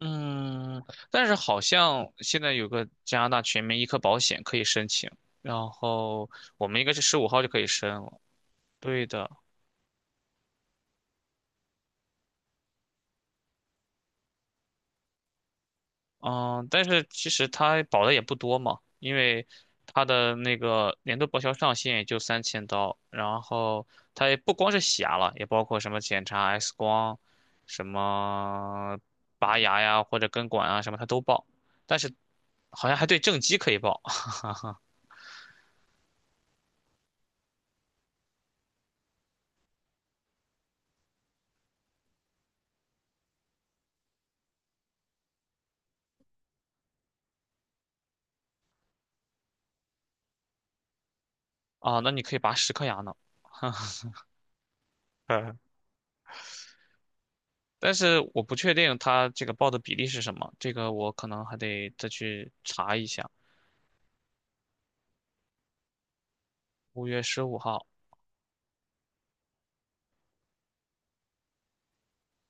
嗯，但是好像现在有个加拿大全民医科保险可以申请，然后我们应该是十五号就可以申了。对的，嗯，但是其实它保的也不多嘛，因为它的那个年度报销上限也就3000刀，然后它也不光是洗牙了，也包括什么检查 X 光、什么拔牙呀或者根管啊什么它都报，但是好像还对正畸可以报。 啊，那你可以拔10颗牙呢。但是我不确定他这个报的比例是什么，这个我可能还得再去查一下。5月15号，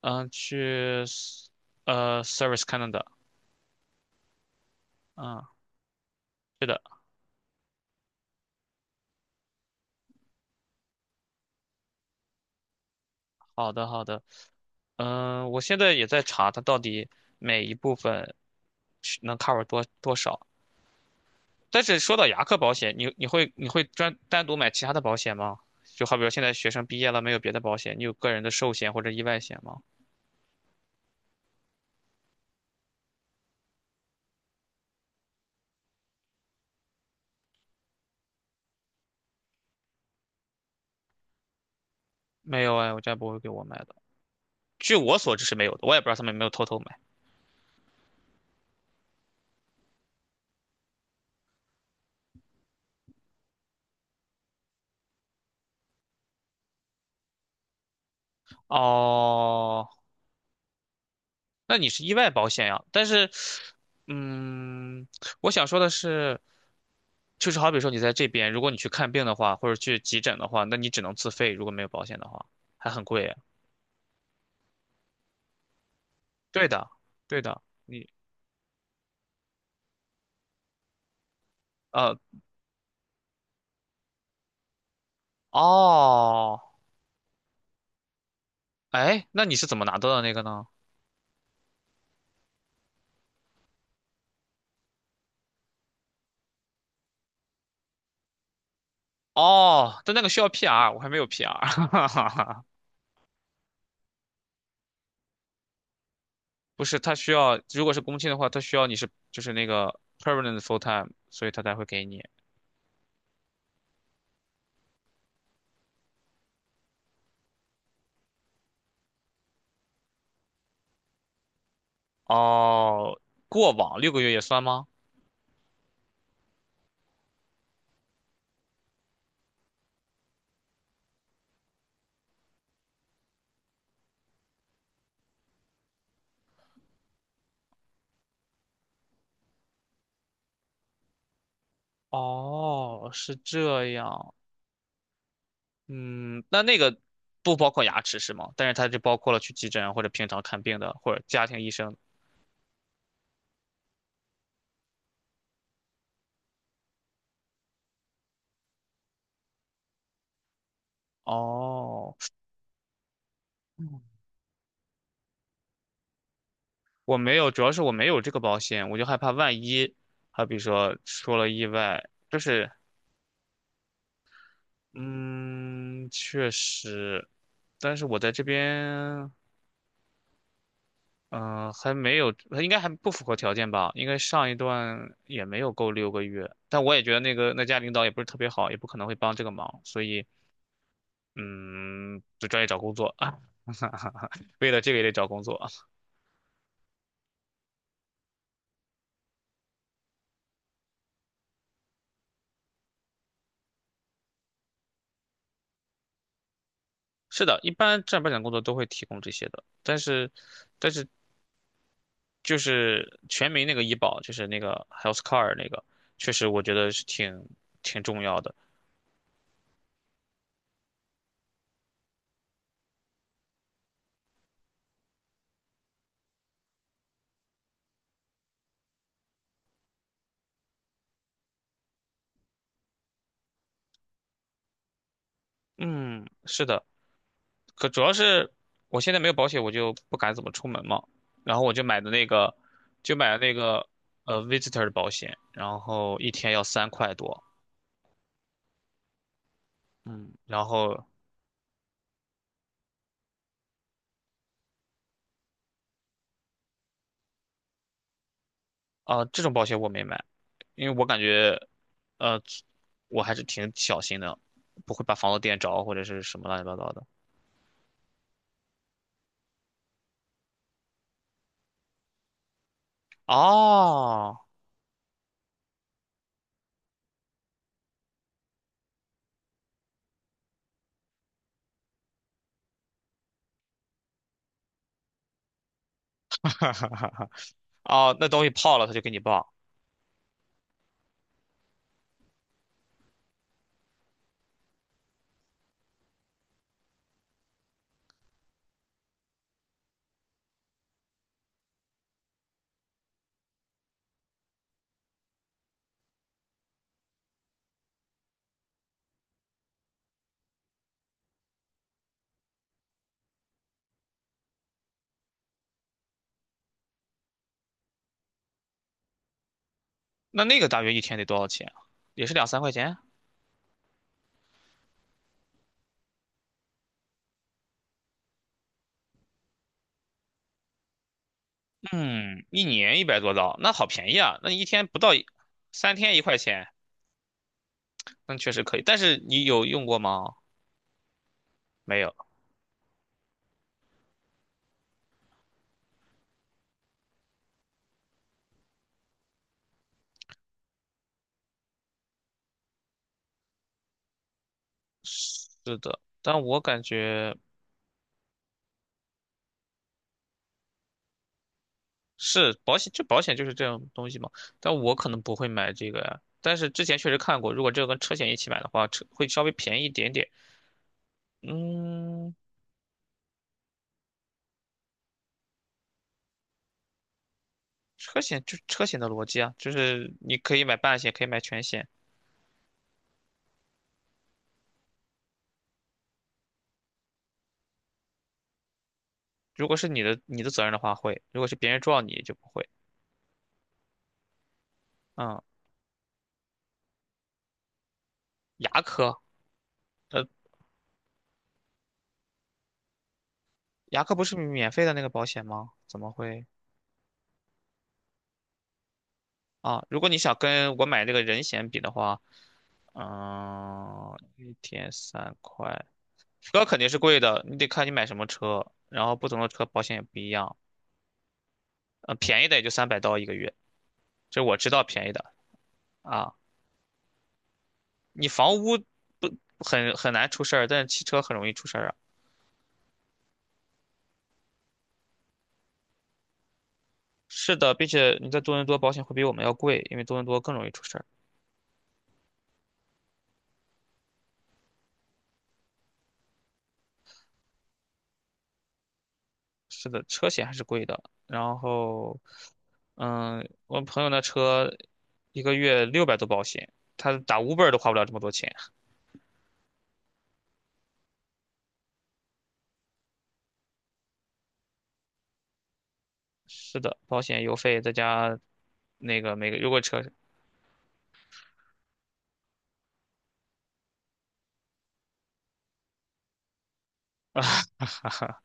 嗯，去 Service Canada，嗯，是的，好的好的，嗯，我现在也在查它到底每一部分是能 cover 多少。但是说到牙科保险，你会专单独买其他的保险吗？就好比说现在学生毕业了，没有别的保险，你有个人的寿险或者意外险吗？没有哎，我家不会给我买的。据我所知是没有的，我也不知道他们有没有偷偷买。哦，那你是意外保险呀？但是，嗯，我想说的是，就是好比说你在这边，如果你去看病的话，或者去急诊的话，那你只能自费，如果没有保险的话，还很贵。对的，对的，呃，哦，哎，那你是怎么拿到的那个呢？哦，但那个需要 PR,我还没有 PR。不是，他需要，如果是工签的话，他需要你是就是那个 permanent full time,所以他才会给你。哦，过往六个月也算吗？哦，是这样。嗯，那个不包括牙齿是吗？但是它就包括了去急诊或者平常看病的或者家庭医生。哦，我没有，主要是我没有这个保险，我就害怕万一，好比说出了意外，就是嗯，确实，但是我在这边。还没有，他应该还不符合条件吧？应该上一段也没有够六个月，但我也觉得那个那家领导也不是特别好，也不可能会帮这个忙，所以嗯，就专业找工作啊。为了这个也得找工作。啊。是的，一般正儿八经工作都会提供这些的，但是但是就是全民那个医保，就是那个 healthcare 那个，确实我觉得是挺重要的。嗯，是的。可主要是我现在没有保险，我就不敢怎么出门嘛。然后我就买的那个，就买了那个visitor 的保险，然后一天要3块多。嗯，然后啊、这种保险我没买，因为我感觉呃我还是挺小心的，不会把房子电着或者是什么乱七八糟的。哦。 哦，那东西泡了他就给你报，那个大约一天得多少钱啊？也是两三块钱啊？嗯，一年100多刀，那好便宜啊！那你一天不到一，三天一块钱，那确实可以。但是你有用过吗？没有。是的，但我感觉是保险，就保险就是这种东西嘛。但我可能不会买这个呀。但是之前确实看过，如果这个跟车险一起买的话，车会稍微便宜一点点。嗯，车险就是车险的逻辑啊，就是你可以买半险，可以买全险。如果是你的责任的话会，如果是别人撞你就不会。嗯，牙科。呃牙科不是免费的那个保险吗？怎么会啊？如果你想跟我买那个人险比的话，嗯，一天三块，车肯定是贵的，你得看你买什么车，然后不同的车保险也不一样。便宜的也就300刀一个月，这是我知道便宜的啊。你房屋不很难出事儿，但是汽车很容易出事儿啊。是的，并且你在多伦多保险会比我们要贵，因为多伦多更容易出事儿。是的，车险还是贵的。然后，嗯，我朋友那车一个月600多保险，他打五 b 都花不了这么多钱。是的，保险、油费再加那个每个如果车。 啊，哈哈，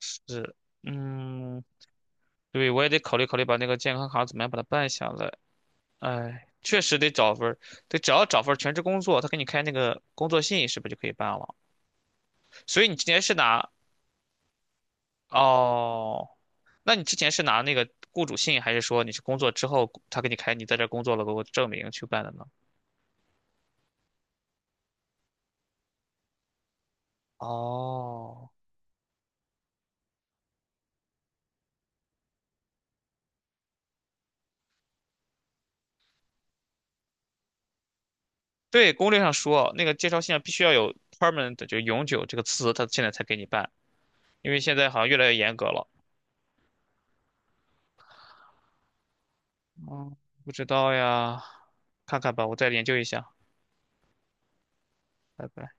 是，嗯，对，我也得考虑考虑把那个健康卡怎么样把它办下来。哎，确实得找份得只要找份儿全职工作，他给你开那个工作信，是不是就可以办了？所以你之前是拿。哦。那你之前是拿那个雇主信，还是说你是工作之后他给你开，你在这儿工作了，给我证明去办的呢？哦，对，攻略上说，那个介绍信上必须要有 permanent,就永久这个词，他现在才给你办，因为现在好像越来越严格了。嗯，不知道呀，看看吧，我再研究一下。拜拜。